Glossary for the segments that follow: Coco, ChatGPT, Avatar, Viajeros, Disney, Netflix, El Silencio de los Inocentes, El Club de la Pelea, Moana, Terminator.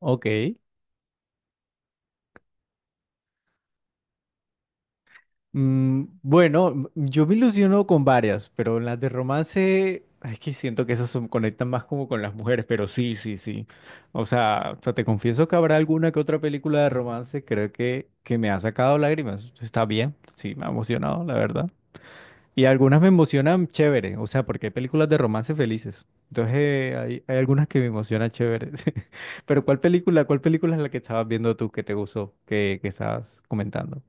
Ok. Bueno, yo me ilusiono con varias, pero las de romance, es que siento que conectan más como con las mujeres, pero sí, sí, sí. O sea, te confieso que habrá alguna que otra película de romance, creo que me ha sacado lágrimas. Está bien, sí, me ha emocionado, la verdad. Y algunas me emocionan chévere, o sea, porque hay películas de romance felices. Entonces, hay algunas que me emocionan chévere. Pero cuál película es la que estabas viendo tú que te gustó, que estabas comentando?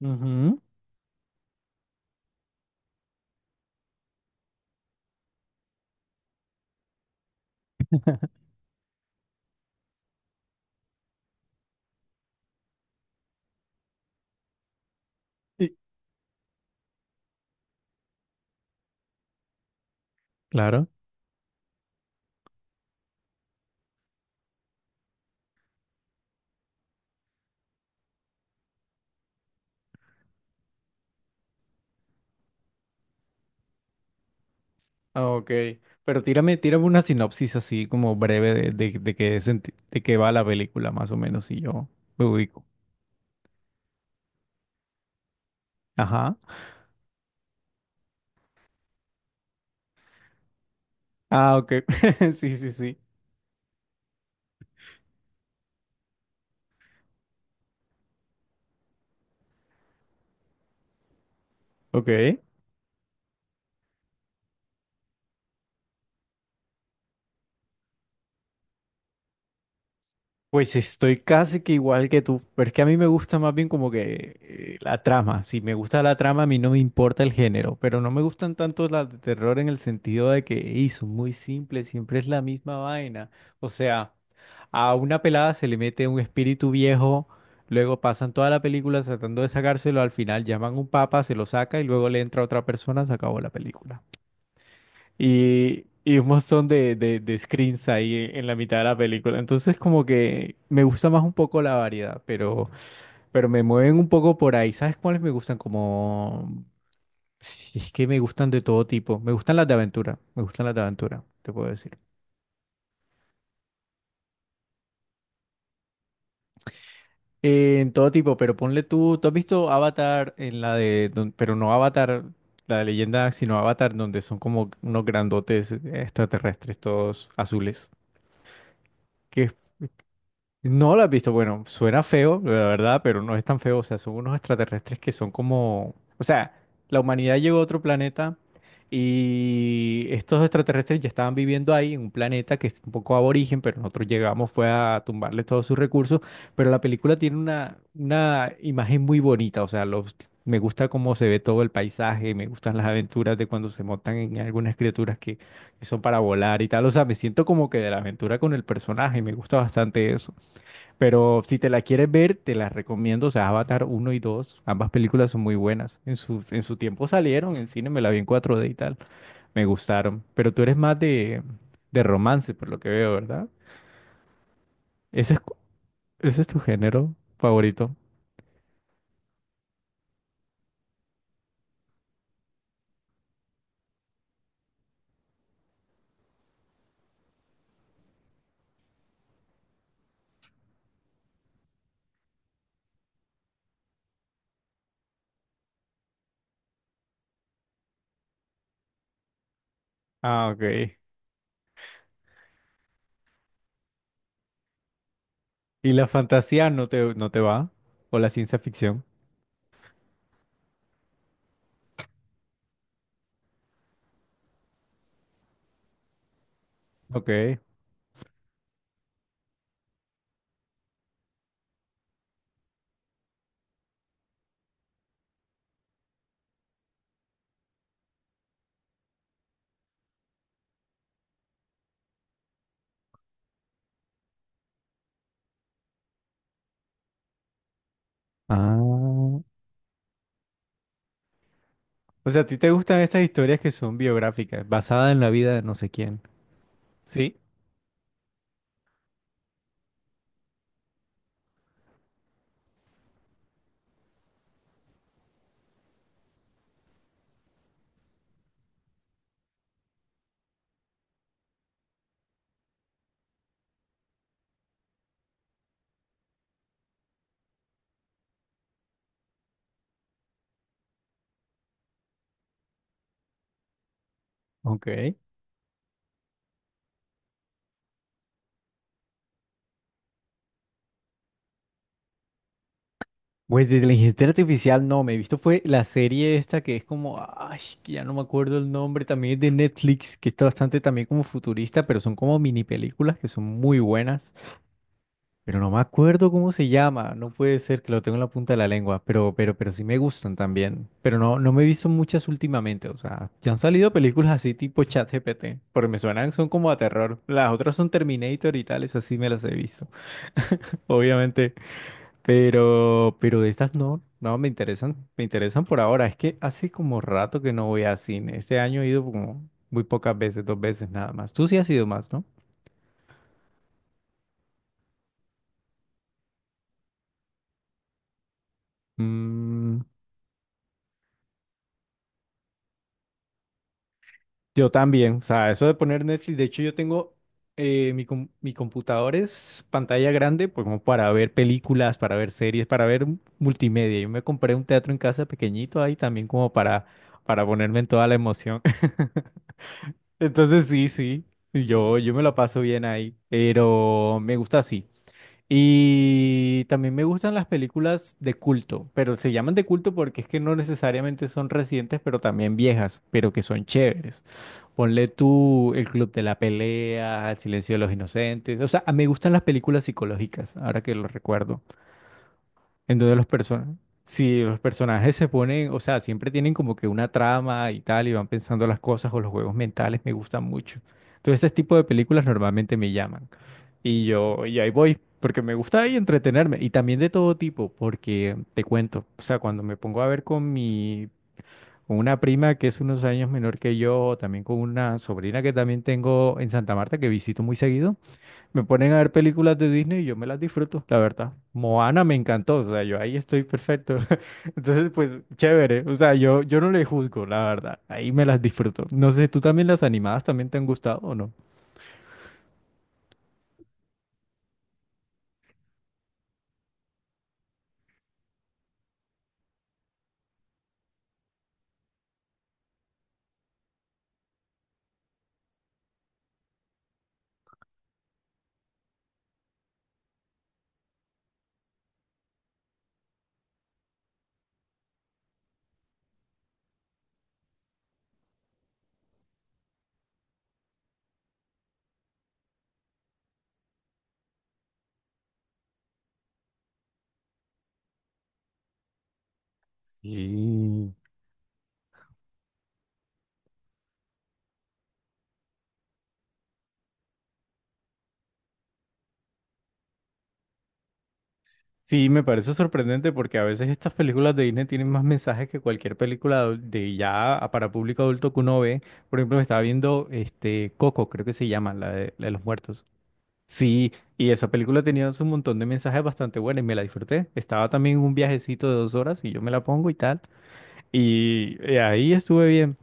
Ujú. Sí. Claro. Ah, ok, pero tírame una sinopsis así como breve de de qué va la película más o menos y yo me ubico. Ajá. Ah, ok. Sí, sí, sí. Ok. Pues estoy casi que igual que tú, pero es que a mí me gusta más bien como que la trama. Si me gusta la trama, a mí no me importa el género, pero no me gustan tanto las de terror en el sentido de que "Ey, son muy simples, siempre es la misma vaina. O sea, a una pelada se le mete un espíritu viejo, luego pasan toda la película tratando de sacárselo, al final llaman a un papa, se lo saca y luego le entra otra persona, se acabó la película y un montón de screens ahí en la mitad de la película. Entonces como que me gusta más un poco la variedad, pero me mueven un poco por ahí. ¿Sabes cuáles me gustan? Como... si es que me gustan de todo tipo. Me gustan las de aventura. Me gustan las de aventura, te puedo decir. En todo tipo, pero ponle tú, ¿tú has visto Avatar en la pero no Avatar, la de leyenda, sino Avatar donde son como unos grandotes extraterrestres todos azules? Que es No la has visto. Bueno, suena feo, la verdad, pero no es tan feo. O sea, son unos extraterrestres que son como... O sea, la humanidad llegó a otro planeta y estos extraterrestres ya estaban viviendo ahí en un planeta que es un poco aborigen, pero nosotros llegamos fue a tumbarle todos sus recursos. Pero la película tiene una imagen muy bonita. O sea, los... me gusta cómo se ve todo el paisaje, me gustan las aventuras de cuando se montan en algunas criaturas que son para volar y tal. O sea, me siento como que de la aventura con el personaje, me gusta bastante eso. Pero si te la quieres ver, te las recomiendo. O sea, Avatar uno y 2 ambas películas son muy buenas. En su tiempo salieron en cine, me la vi en 4D y tal. Me gustaron. Pero tú eres más de romance, por lo que veo, ¿verdad? Ese es, cu- ese es tu género favorito. Ah, ok. ¿Y la fantasía no te va? ¿O la ciencia ficción? Ok. Ah. O sea, ¿a ti te gustan esas historias que son biográficas, basadas en la vida de no sé quién? Sí. Ok. Pues de inteligencia artificial no, me he visto fue la serie esta que es como, ay, que ya no me acuerdo el nombre, también es de Netflix, que está bastante también como futurista, pero son como mini películas que son muy buenas, pero no me acuerdo cómo se llama, no puede ser que lo tengo en la punta de la lengua, pero sí me gustan también, pero no, no me he visto muchas últimamente, o sea, ya han salido películas así tipo ChatGPT, porque me suenan, son como a terror, las otras son Terminator y tales, así me las he visto. Obviamente, pero de estas no, no me interesan, me interesan por ahora. Es que hace como rato que no voy a cine. Este año he ido como muy pocas veces, 2 veces nada más. Tú sí has ido más, ¿no? Mm, yo también. O sea, eso de poner Netflix, de hecho yo tengo mi computador es pantalla grande, pues como para ver películas, para ver series, para ver multimedia. Yo me compré un teatro en casa pequeñito ahí también como para ponerme en toda la emoción. Entonces sí, sí, yo me la paso bien ahí, pero me gusta así. Y también me gustan las películas de culto, pero se llaman de culto porque es que no necesariamente son recientes, pero también viejas, pero que son chéveres. Ponle tú El Club de la Pelea, El Silencio de los Inocentes, o sea, me gustan las películas psicológicas, ahora que lo recuerdo. Entonces los personajes, si los personajes se ponen, o sea, siempre tienen como que una trama y tal, y van pensando las cosas o los juegos mentales me gustan mucho. Entonces ese tipo de películas normalmente me llaman. Y ahí voy, porque me gusta ahí entretenerme. Y también de todo tipo, porque te cuento, o sea, cuando me pongo a ver con una prima que es unos años menor que yo, o también con una sobrina que también tengo en Santa Marta, que visito muy seguido. Me ponen a ver películas de Disney y yo me las disfruto, la verdad. Moana me encantó, o sea, yo ahí estoy perfecto. Entonces, pues, chévere. O sea, yo no le juzgo, la verdad. Ahí me las disfruto. No sé, ¿tú también las animadas también te han gustado o no? Sí. Sí, me parece sorprendente porque a veces estas películas de Disney tienen más mensajes que cualquier película para público adulto que uno ve. Por ejemplo, me estaba viendo este Coco, creo que se llama, la de los muertos. Sí, y esa película tenía un montón de mensajes bastante buenos y me la disfruté. Estaba también en un viajecito de 2 horas y yo me la pongo y tal. Y ahí estuve bien.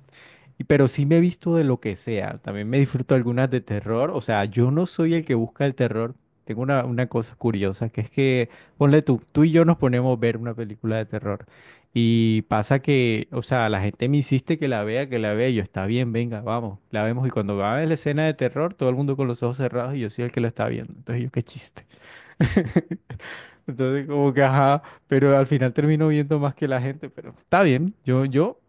Pero sí me he visto de lo que sea. También me disfruto algunas de terror. O sea, yo no soy el que busca el terror. Tengo una cosa curiosa, ponle tú, tú y yo nos ponemos a ver una película de terror. Y pasa que, o sea, la gente me insiste que la vea, que la vea. Y yo, está bien, venga, vamos, la vemos. Y cuando va a la escena de terror, todo el mundo con los ojos cerrados y yo soy el que lo está viendo. Entonces yo, qué chiste. Entonces, como que, ajá, pero al final termino viendo más que la gente. Pero está bien, yo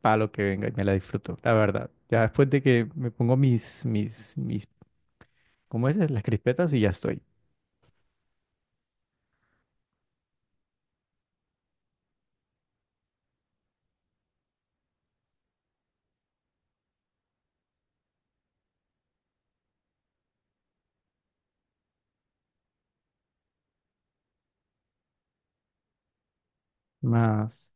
para lo que venga y me la disfruto, la verdad. Ya después de que me pongo mis, ¿cómo es? Las crispetas y ya estoy. Más,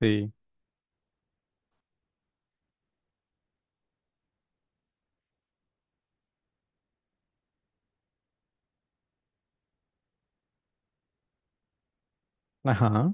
sí. Ajá.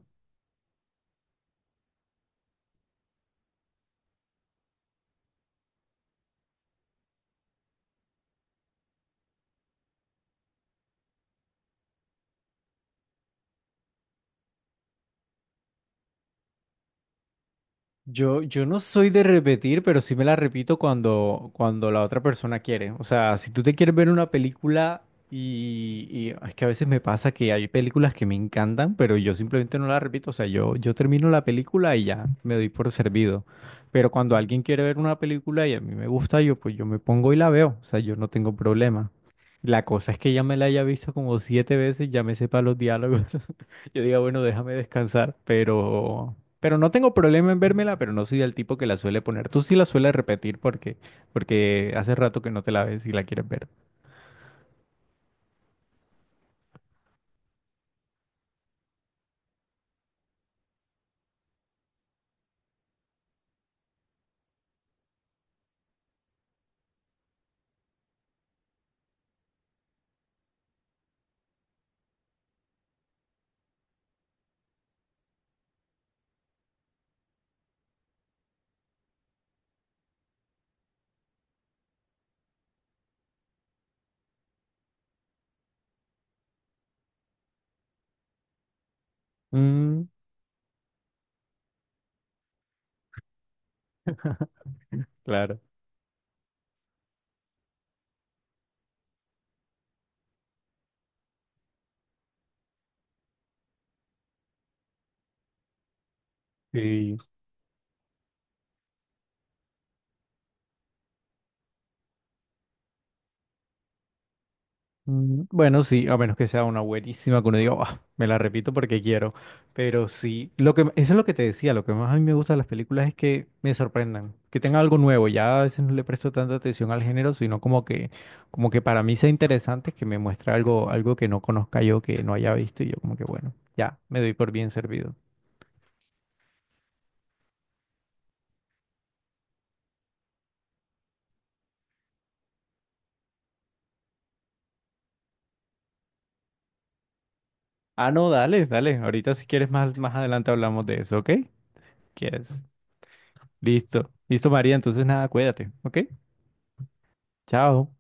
Yo no soy de repetir, pero sí me la repito cuando la otra persona quiere. O sea, si tú te quieres ver una película y es que a veces me pasa que hay películas que me encantan, pero yo simplemente no la repito. O sea, yo termino la película y ya me doy por servido. Pero cuando alguien quiere ver una película y a mí me gusta, yo pues yo me pongo y la veo. O sea, yo no tengo problema. La cosa es que ya me la haya visto como 7 veces, ya me sepa los diálogos. Yo diga, bueno, déjame descansar, pero... Pero no tengo problema en vérmela, pero no soy del tipo que la suele poner. Tú sí la sueles repetir porque, porque hace rato que no te la ves y la quieres ver. Mm, claro. Sí. Bueno, sí, a menos que sea una buenísima que uno diga, "Ah, me la repito porque quiero. Pero sí, lo que, eso es lo que te decía, lo que más a mí me gusta de las películas es que me sorprendan, que tenga algo nuevo. Ya a veces no le presto tanta atención al género, sino como que para mí sea interesante que me muestre algo, algo que no conozca yo, que no haya visto, y yo como que bueno, ya, me doy por bien servido. Ah, no, dale, dale. Ahorita si quieres más, más adelante hablamos de eso, ¿ok? ¿Quieres? Listo. Listo, María. Entonces nada, cuídate, ¿ok? Chao.